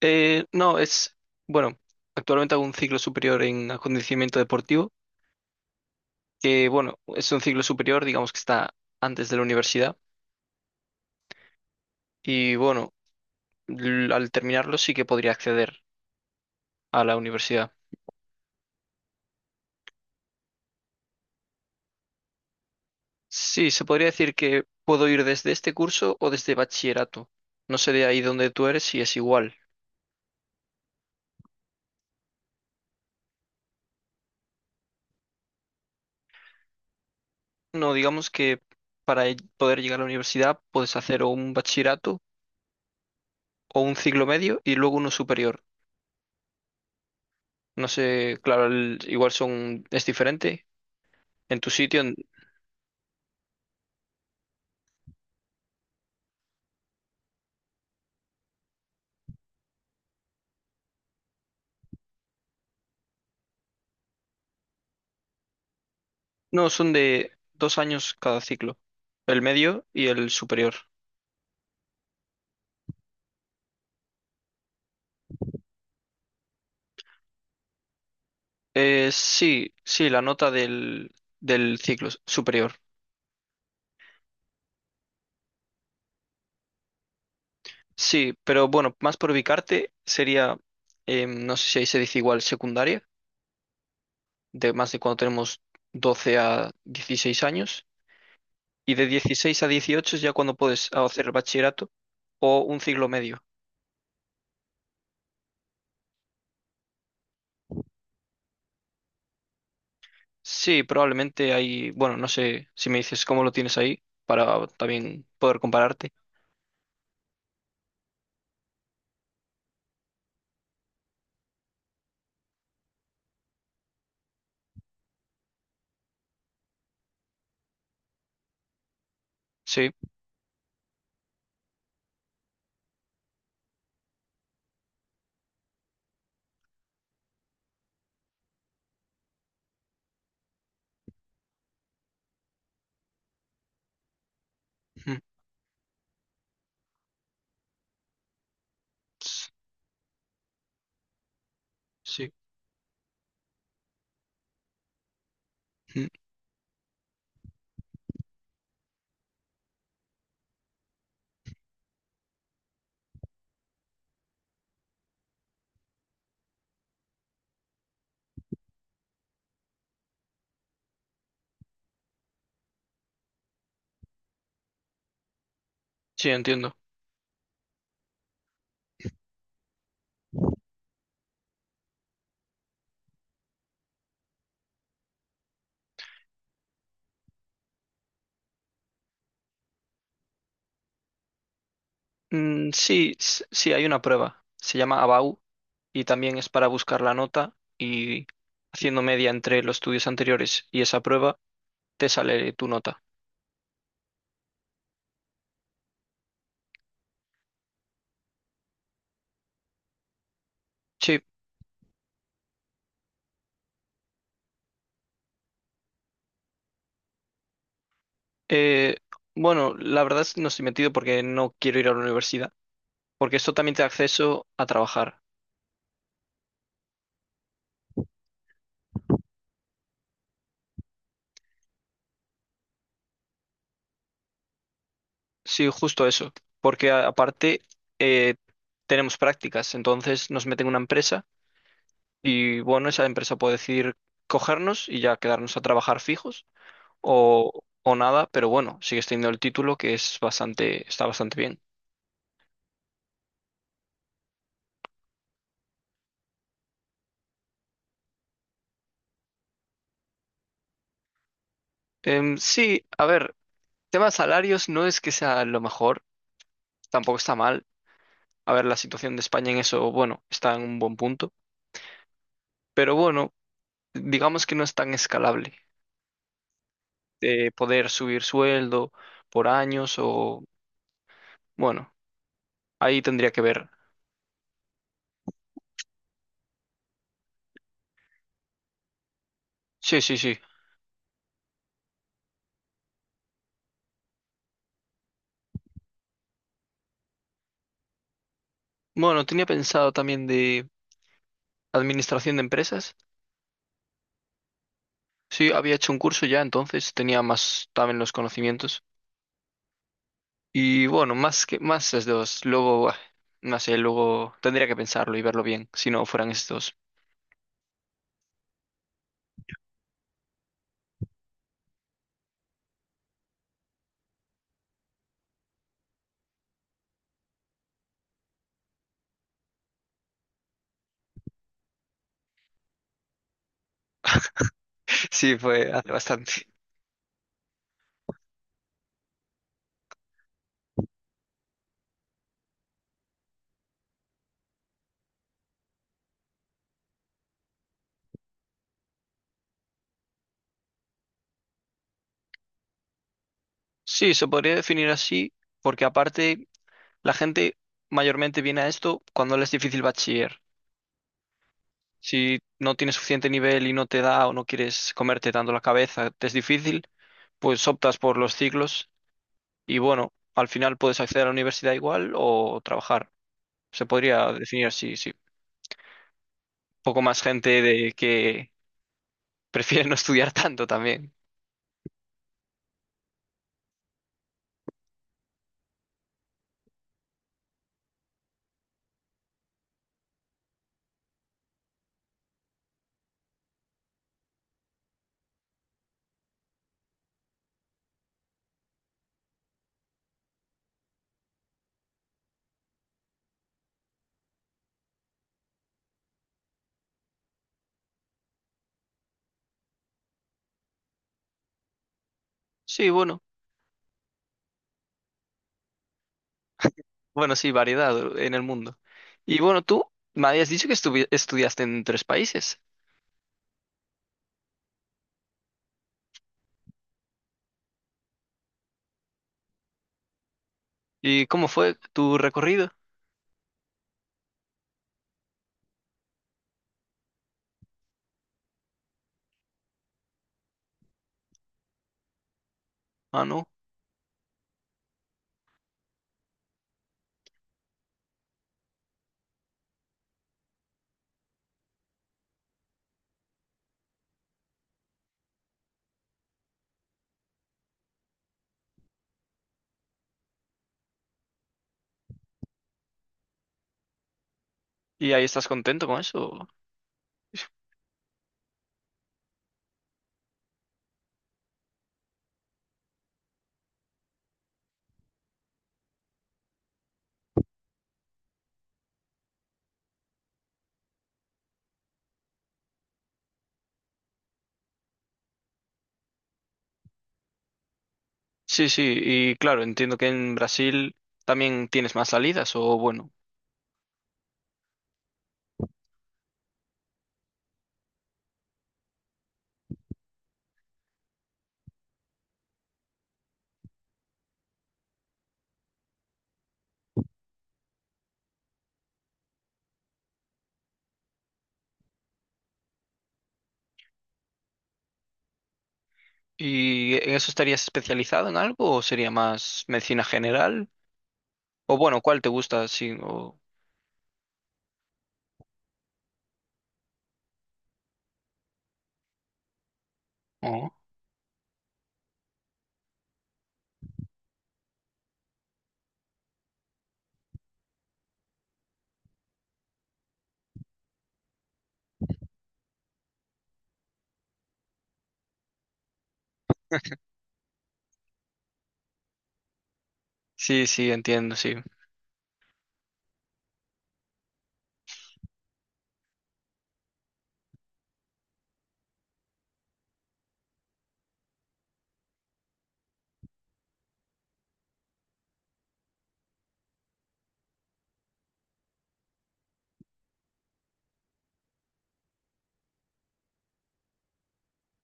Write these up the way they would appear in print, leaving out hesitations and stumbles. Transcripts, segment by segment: No, bueno, actualmente hago un ciclo superior en acondicionamiento deportivo, que bueno, es un ciclo superior, digamos que está antes de la universidad. Y bueno, al terminarlo sí que podría acceder a la universidad. Sí, se podría decir que puedo ir desde este curso o desde bachillerato. No sé de ahí donde tú eres si es igual. No, digamos que poder llegar a la universidad puedes hacer o un bachillerato o un ciclo medio y luego uno superior. No sé, claro, igual son, es diferente. En tu sitio, en- No, son de dos años cada ciclo, el medio y el superior. Sí, sí, la nota del ciclo superior. Sí, pero bueno, más por ubicarte sería, no sé si ahí se dice igual, secundaria, de más de cuando tenemos 12 a 16 años, y de 16 a 18 es ya cuando puedes hacer bachillerato o un ciclo medio. Sí, probablemente hay, bueno, no sé si me dices cómo lo tienes ahí para también poder compararte. Sí. Ujú. S- Sí, ujú. Sí, entiendo. Mm, sí, sí, hay una prueba. Se llama ABAU y también es para buscar la nota, y haciendo media entre los estudios anteriores y esa prueba te sale tu nota. Sí, eh, bueno, la verdad es que no estoy metido porque no quiero ir a la universidad, porque esto también te da acceso a trabajar. Sí, justo eso, porque aparte eh, tenemos prácticas, entonces nos meten en una empresa. Y bueno, esa empresa puede decidir cogernos y ya quedarnos a trabajar fijos, o nada, pero bueno, sigues teniendo el título, que es bastante, está bastante bien. Sí, a ver, tema de salarios no es que sea lo mejor, tampoco está mal. A ver, la situación de España en eso, bueno, está en un buen punto, pero bueno, digamos que no es tan escalable de poder subir sueldo por años o, bueno, ahí tendría que ver. Sí, sí, sí. Bueno, tenía pensado también de administración de empresas. Sí, había hecho un curso ya, entonces tenía más también los conocimientos. Y bueno, más que más es dos. Luego, buah, no sé, luego tendría que pensarlo y verlo bien, si no fueran estos. Sí, fue hace bastante. Sí, se podría definir así, porque aparte la gente mayormente viene a esto cuando le es difícil bachiller. Si no tienes suficiente nivel y no te da o no quieres comerte tanto la cabeza, te es difícil, pues optas por los ciclos y bueno, al final puedes acceder a la universidad igual o trabajar. Se podría definir así, sí. Poco más gente de que prefiere no estudiar tanto también. Sí, bueno, bueno, sí, variedad en el mundo. Y bueno, tú me habías dicho que estudiaste en tres países. ¿Y cómo fue tu recorrido? Ah, no. ¿Y ahí estás contento con eso? Sí, sí, y claro, entiendo que en Brasil también tienes más salidas, o bueno. ¿Y en eso estarías especializado en algo o sería más medicina general? O bueno, ¿cuál te gusta? Sí, o- sí, sí, entiendo, sí.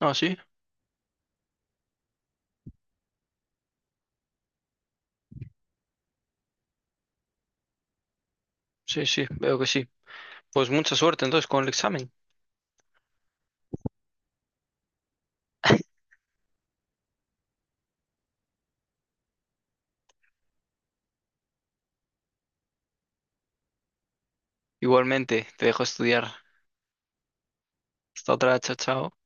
Ah, sí, sí, sí, veo que sí. Pues mucha suerte entonces con el examen. Igualmente, te dejo estudiar. Hasta otra, chao, chao.